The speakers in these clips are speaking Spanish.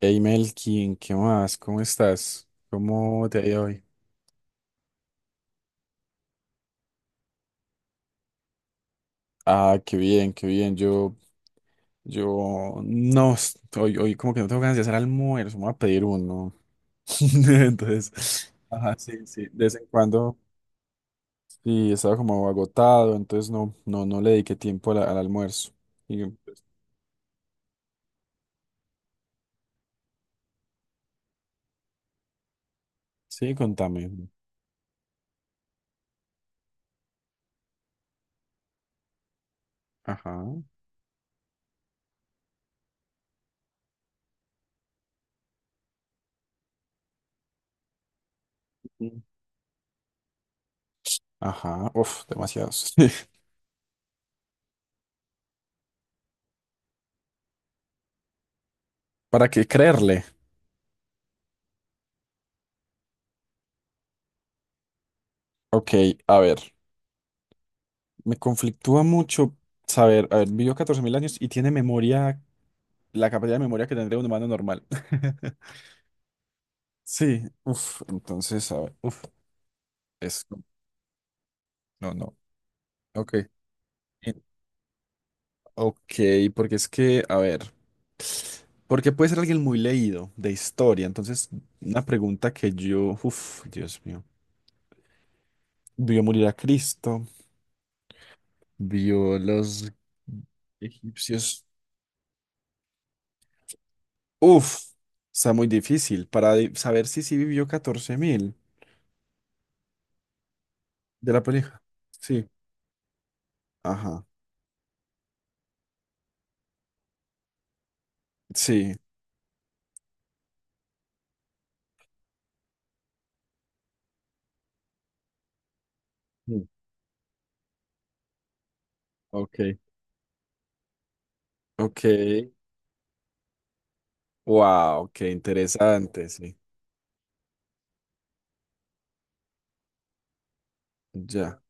Hey Melkin, ¿qué más? ¿Cómo estás? ¿Cómo te ha ido hoy? Ah, qué bien, qué bien. Yo, no, hoy, como que no tengo ganas de hacer almuerzo, me voy a pedir uno. Entonces, ajá, sí, sí, de vez en cuando, sí, estaba como agotado, entonces no, no, no le dediqué tiempo a al almuerzo. Y, pues, sí, contame. Ajá, Mm. Ajá, uf, demasiados. ¿Para qué creerle? Ok, a ver. Me conflictúa mucho saber, a ver, vivió 14.000 años y tiene memoria, la capacidad de memoria que tendría un humano normal. Sí, uff, entonces, a ver, uff, es, no, no, ok, eh, ok, porque es que, a ver, porque puede ser alguien muy leído de historia, entonces, una pregunta que yo, uff, Dios mío, vio morir a Cristo, vio los egipcios, uff, está muy difícil para saber si sí vivió 14.000 de la pareja. Sí, ajá. Sí. Mm. Ok. Ok. Wow, qué interesante, sí. Ya.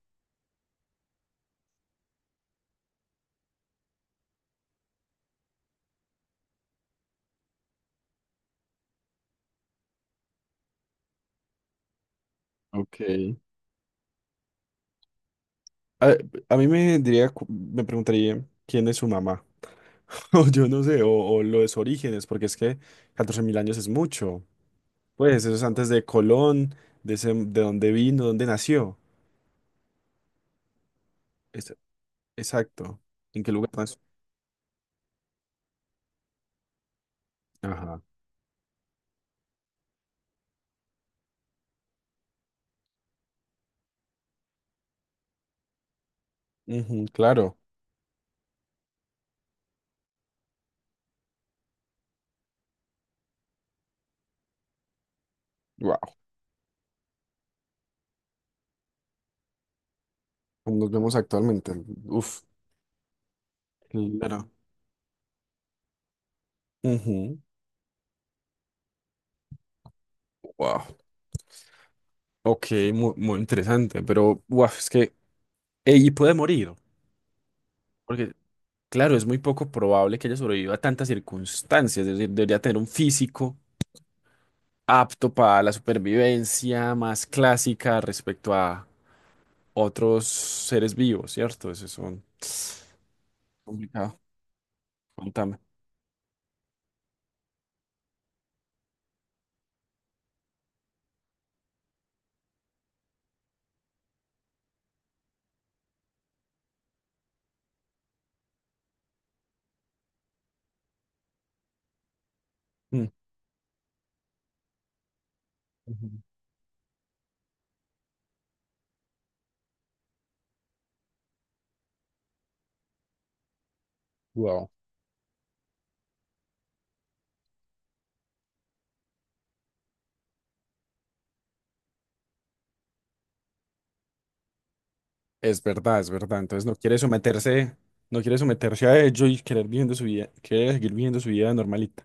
Ok. A, a mí me diría, me preguntaría quién es su mamá. O yo no sé, o lo de sus orígenes, porque es que 14.000 años es mucho. Pues eso es antes de Colón, de dónde vino, dónde nació. Es- exacto. ¿En qué lugar nació? Ajá. Ujú, claro. Wow. Como nos vemos actualmente. Uf. Claro. Wow. Ok, muy, muy interesante, pero guau, es que ella puede morir, porque claro, es muy poco probable que ella sobreviva a tantas circunstancias, es decir, debería tener un físico apto para la supervivencia más clásica respecto a otros seres vivos, ¿cierto? Eso es complicado, contame. Mm. Ujú. Wow. Es verdad, entonces no quiere someterse, no quiere someterse a ello y querer viviendo su vida, quiere seguir viviendo su vida normalita.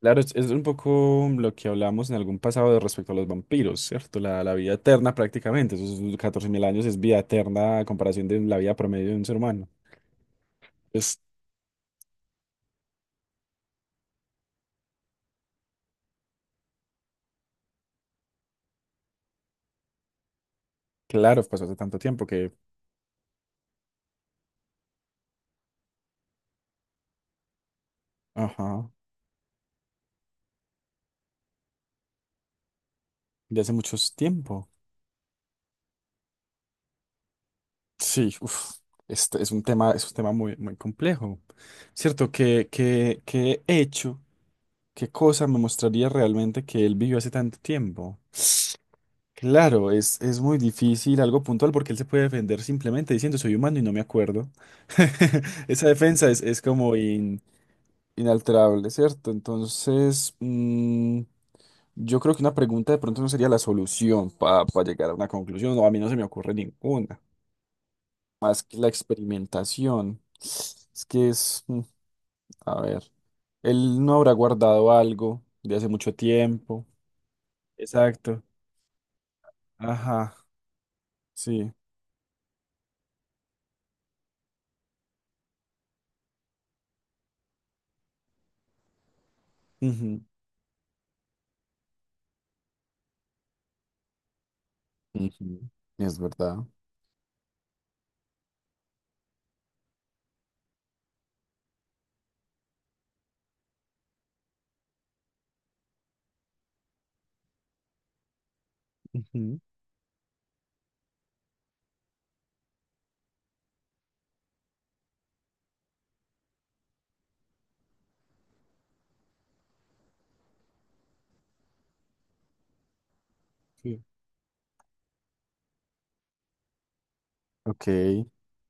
Claro, es un poco lo que hablamos en algún pasado de respecto a los vampiros, ¿cierto? La vida eterna prácticamente, esos 14.000 años es vida eterna a comparación de la vida promedio de un ser humano. Pues claro, pasó hace tanto tiempo que, ajá, ya hace mucho tiempo. Sí, uf, este es un tema muy, muy complejo, ¿cierto? ¿Qué hecho, qué cosa me mostraría realmente que él vivió hace tanto tiempo? Claro, es muy difícil algo puntual porque él se puede defender simplemente diciendo soy humano y no me acuerdo. Esa defensa es como inalterable, ¿cierto? Entonces, yo creo que una pregunta de pronto no sería la solución para llegar a una conclusión, o a mí no se me ocurre ninguna, más que la experimentación. Es que es, a ver, él no habrá guardado algo de hace mucho tiempo. Exacto. Ajá, sí. Ujú, ujú, es verdad. Ujú, sí. Ok.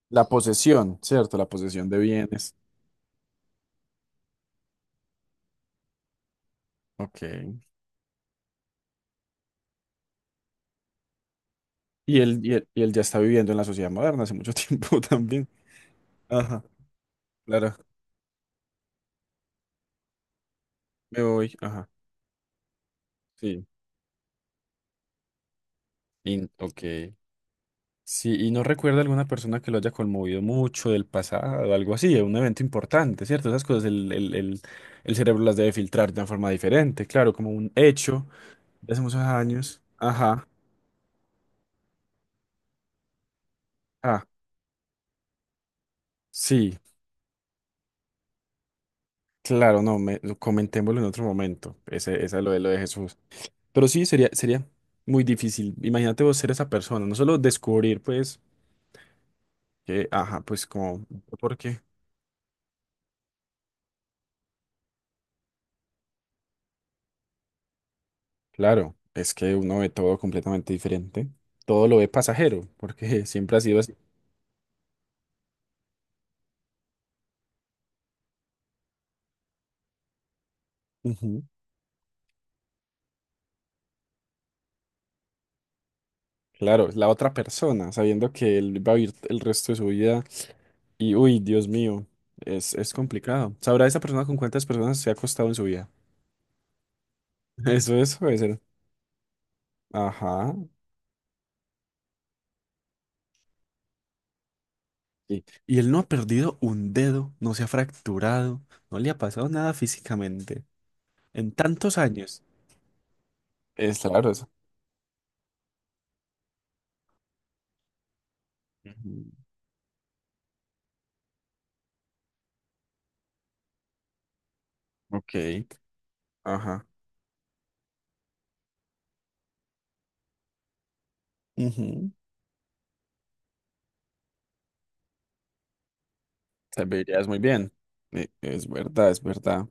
La posesión, ¿cierto? La posesión de bienes. Ok. Y él ya está viviendo en la sociedad moderna hace mucho tiempo también. Ajá, claro. Me voy. Ajá. Sí. Ok. Sí, y no recuerda alguna persona que lo haya conmovido mucho del pasado, algo así, un evento importante, ¿cierto? Esas cosas el cerebro las debe filtrar de una forma diferente, claro, como un hecho de hace muchos años. Ajá. Ah, sí. Claro, no, lo comentémoslo en otro momento. Esa es lo de Jesús. Pero sí, sería muy difícil. Imagínate vos ser esa persona, no solo descubrir, pues, que, ajá, pues como, ¿por qué? Claro, es que uno ve todo completamente diferente. Todo lo ve pasajero, porque siempre ha sido así. Ujú. Claro, la otra persona, sabiendo que él va a vivir el resto de su vida y, uy, Dios mío, es complicado. ¿Sabrá esa persona con cuántas personas se ha acostado en su vida? Eso debe ser. Ajá. Y él no ha perdido un dedo, no se ha fracturado, no le ha pasado nada físicamente en tantos años. Es claro eso. Ujú, ok, ajá. Ujú, te verías muy bien. Es verdad, es verdad.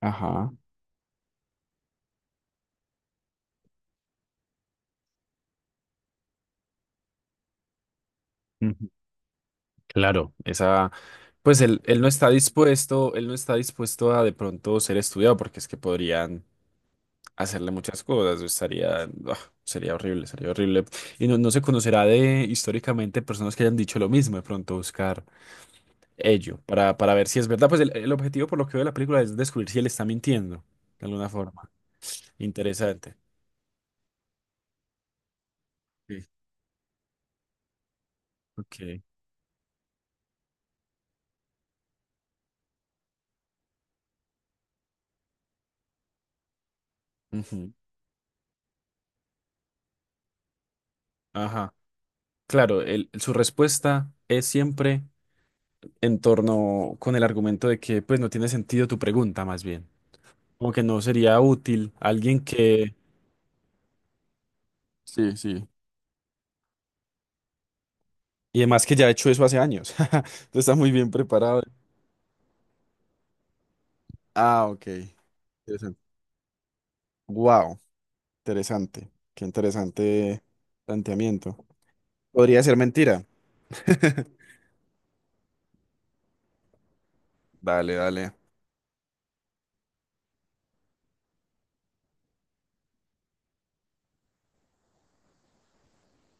Ajá. Ujú, claro, esa, pues él no está dispuesto, él no está dispuesto a de pronto ser estudiado porque es que podrían hacerle muchas cosas. Estaría, ah, sería horrible, sería horrible. Y no se conocerá de históricamente personas que hayan dicho lo mismo, de pronto buscar ello para ver si es verdad. Pues el objetivo por lo que veo de la película es descubrir si él está mintiendo de alguna forma. Interesante. Sí. Ok. Ujú. Ajá. Claro, su respuesta es siempre en torno con el argumento de que pues no tiene sentido tu pregunta más bien. Como que no sería útil alguien que... Sí, sí. Y además que ya he hecho eso hace años. Entonces está muy bien preparado. Ah, ok. Interesante. Wow, interesante. Qué interesante planteamiento. Podría ser mentira. Dale, dale.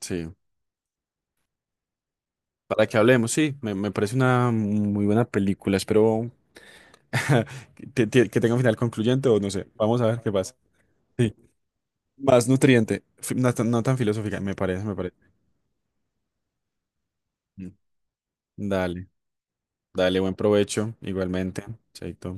Sí. Para que hablemos, sí. Me parece una muy buena película. Espero que tenga un final concluyente o no sé. Vamos a ver qué pasa. Sí. Más nutriente. No tan, no tan filosófica, me parece, me parece. Mm. Dale, dale, buen provecho. Igualmente. Chaito.